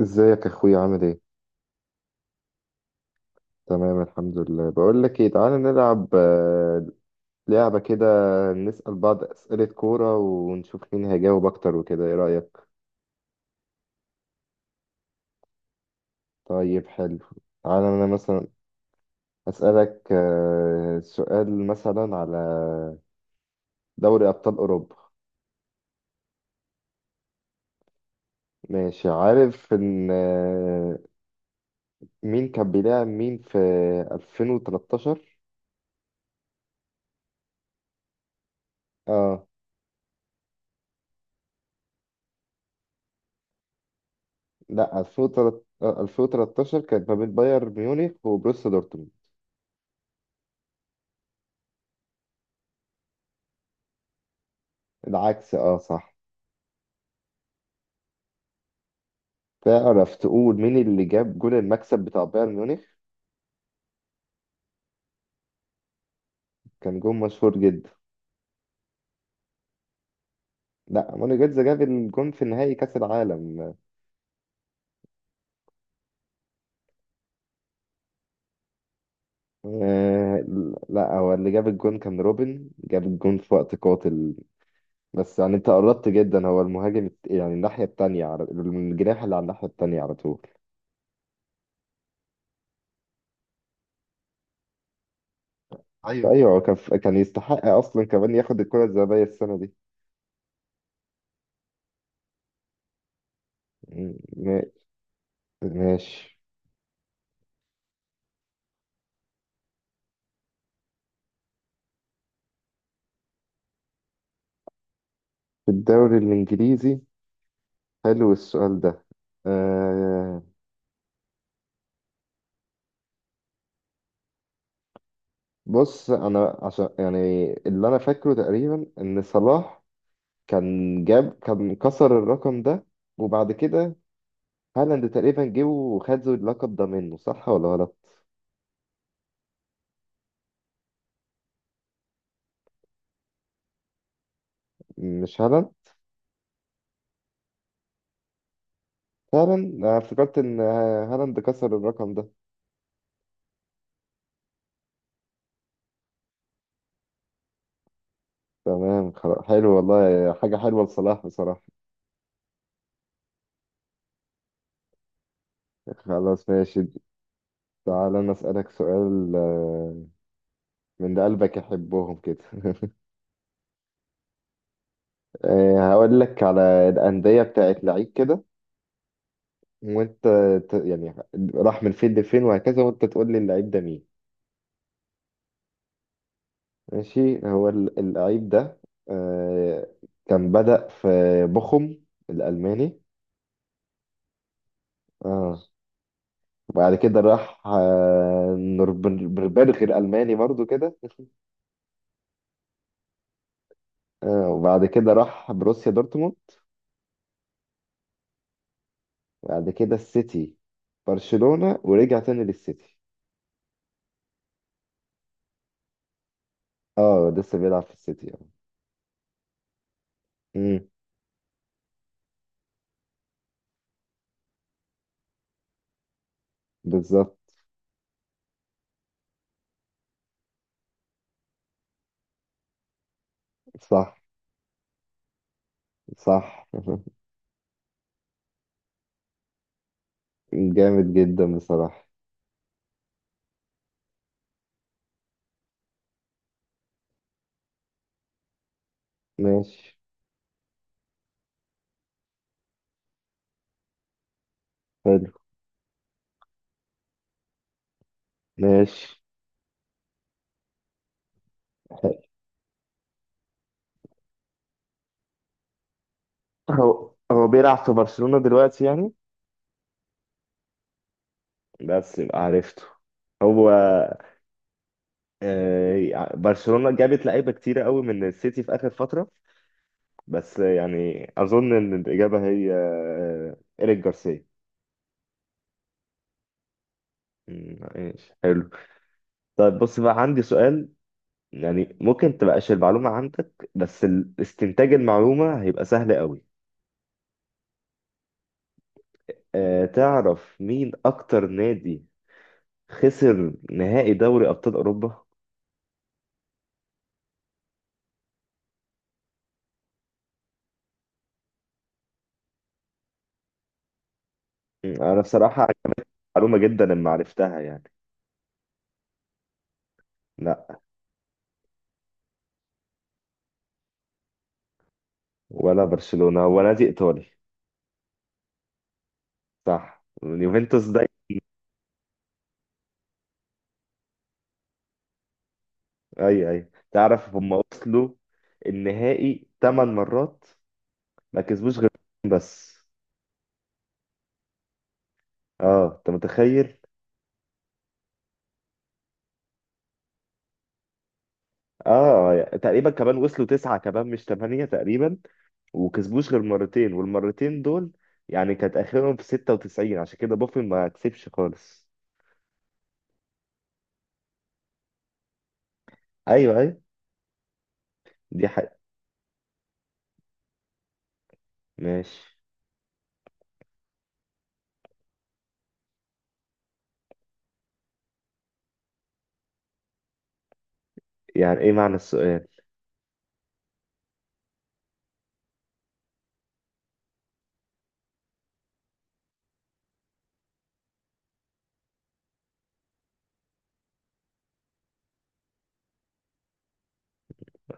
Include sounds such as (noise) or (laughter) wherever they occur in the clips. ازيك يا اخويا، عامل ايه؟ تمام، الحمد لله. بقول لك ايه، تعالى نلعب لعبة كده. نسأل بعض أسئلة كورة ونشوف مين هيجاوب اكتر وكده. ايه رأيك؟ طيب، حلو. تعالى انا مثلا أسألك سؤال مثلا على دوري أبطال أوروبا. ماشي. عارف ان مين كان بيلعب مين في 2013؟ اه. لا، 2013 كانت ما بين بايرن ميونخ وبروسيا دورتموند. العكس. اه، صح. تعرف تقول مين اللي جاب جول المكسب بتاع بايرن ميونخ؟ كان جول مشهور جدا. لا، موني جيتز جاب الجون في نهائي كأس العالم. آه. لا، هو اللي جاب الجون كان روبن، جاب الجون في وقت قاتل. بس يعني انت قربت جدا. هو المهاجم يعني الناحية التانية، على الجناح اللي على الناحية التانية على طول. ايوه، فأيوه هو كان يستحق أصلا كمان ياخد الكرة الذهبية السنة دي. م- ماشي. في الدوري الإنجليزي. حلو السؤال ده. آه بص انا عشان يعني اللي انا فاكره تقريبا ان صلاح كان كسر الرقم ده وبعد كده هالاند تقريبا جه وخد اللقب ده منه، صح ولا غلط؟ مش هالاند. فعلا انا افتكرت ان هالاند كسر الرقم ده. تمام، خلاص، حلو والله، حاجة حلوة لصلاح بصراحة. خلاص، ماشي. تعال انا اسألك سؤال، من اللي قلبك يحبهم كده. (laughs) هقول لك على الأندية بتاعت لعيب كده، وانت يعني راح من فين لفين وهكذا، وانت تقول لي اللعيب ده مين. ماشي. هو اللعيب ده آه كان بدأ في بوخم الألماني. اه. وبعد كده راح نوربربرغ الألماني برضو كده. وبعد كده راح بروسيا دورتموند. وبعد كده السيتي، برشلونة، ورجع تاني للسيتي. اه، لسه بيلعب في السيتي، اه. امم. بالظبط. صح. صح. (laughs) جامد جدا بصراحة. ماشي. ماشي. هو بيلعب في برشلونة دلوقتي يعني. بس يبقى عرفته هو. برشلونة جابت لعيبة كتيرة قوي من السيتي في آخر فترة. بس يعني أظن إن الإجابة هي إيريك جارسيا. ماشي، حلو. طيب، بص بقى عندي سؤال. يعني ممكن تبقاش المعلومة عندك بس استنتاج المعلومة هيبقى سهل قوي. تعرف مين أكتر نادي خسر نهائي دوري أبطال أوروبا؟ أنا بصراحة معلومة جدا ان عرفتها يعني. لا. ولا برشلونة، هو نادي ايطالي. صح، اليوفنتوس ده. اي، اي، تعرف هم وصلوا النهائي ثمان مرات، ما كسبوش غير بس. اه، انت متخيل؟ اه، يعني تقريبا كمان وصلوا تسعة كمان مش ثمانية تقريبا. وكسبوش غير مرتين، والمرتين دول يعني كانت اخرهم في 96، عشان كده بوفن ما كسبش خالص. ايوه، ايوه. دي حقيقة. ماشي. يعني ايه معنى السؤال؟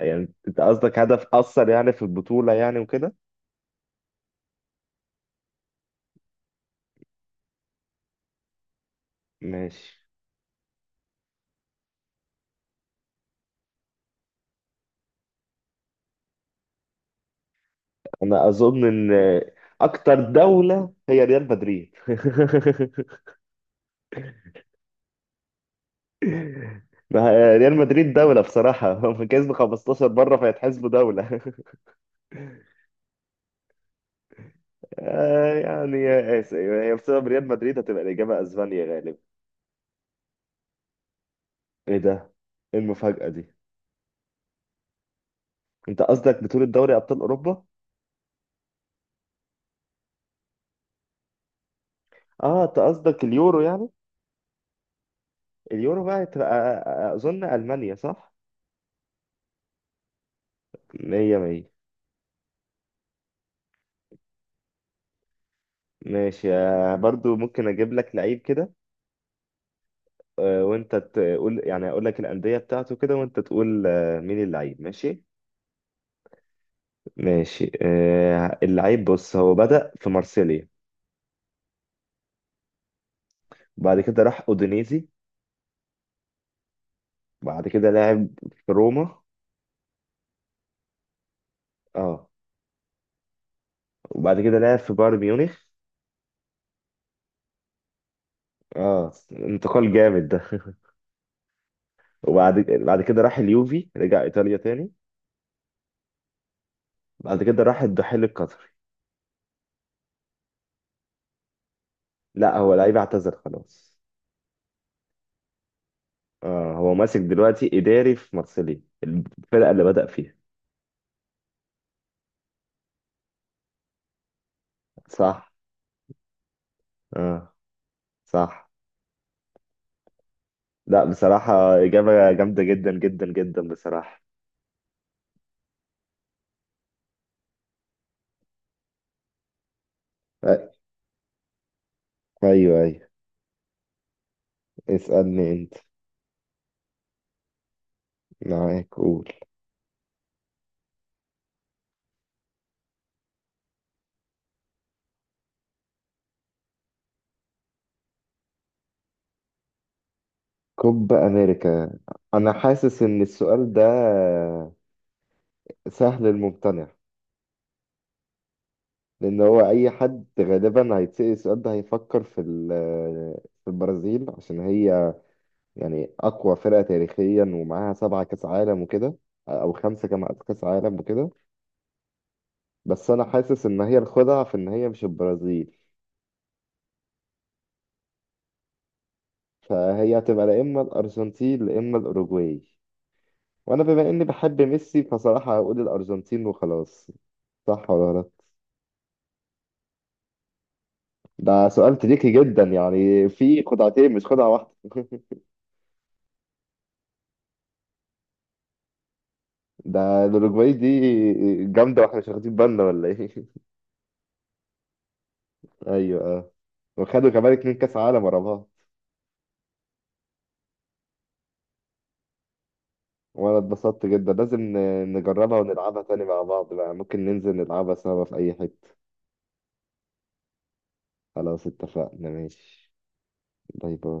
يعني انت قصدك هدف اثر يعني في البطوله يعني وكده؟ ماشي. انا اظن ان اكتر دوله هي ريال مدريد. (laughs) ما هي ريال مدريد دوله بصراحه. (laughs) هم كسبوا 15 مره، فيتحسبوا دوله. (laughs) يعني يا اسف هي بسبب ريال مدريد هتبقى الاجابه اسبانيا غالبا. ايه ده؟ ايه المفاجاه دي؟ انت قصدك بطوله دوري ابطال اوروبا؟ اه، انت قصدك اليورو يعني؟ اليورو بقى تبقى اظن المانيا، صح؟ 100 100. ماشي. برضو ممكن اجيب لك لعيب كده، وانت تقول، يعني اقول لك الانديه بتاعته كده وانت تقول مين اللعيب. ماشي. ماشي. اللعيب بص هو بدأ في مارسيليا. بعد كده راح اودينيزي. بعد كده لعب في روما. اه. وبعد كده لعب في بايرن ميونخ. اه، انتقال جامد ده. (laughs) وبعد كده راح اليوفي، رجع ايطاليا تاني. بعد كده راح الدحيل القطري. لا، هو لعيب اعتزل خلاص. هو ماسك دلوقتي إداري في مارسيليا الفرقة اللي بدأ فيها. صح. آه، صح. لا، بصراحة إجابة جامدة جدا جدا جدا بصراحة. أ- أيوه، أيوه. اسألني أنت. معاك، قول. كوب أمريكا. أنا حاسس إن السؤال ده سهل الممتنع. لأن هو أي حد غالبا هيتسأل السؤال ده هيفكر في البرازيل عشان هي يعني اقوى فرقه تاريخيا ومعاها سبعه كاس عالم وكده. او خمسه كمان كاس عالم وكده. بس انا حاسس ان هي الخدعه في ان هي مش البرازيل. فهي هتبقى لا اما الارجنتين لا اما الاوروجواي، وانا بما اني بحب ميسي فصراحه هقول الارجنتين وخلاص. صح ولا غلط؟ ده سؤال تريكي جدا، يعني في خدعتين مش خدعه واحده. (laughs) ده الاوروجواي دي جامده، واحنا مش واخدين بالنا ولا ايه؟ (laughs) ايوه، اه. وخدوا كمان اتنين كاس عالم ورا بعض. وانا اتبسطت جدا، لازم نجربها ونلعبها تاني مع بعض بقى، ممكن ننزل نلعبها سوا في اي حتة. خلاص، اتفقنا، ماشي. باي، باي.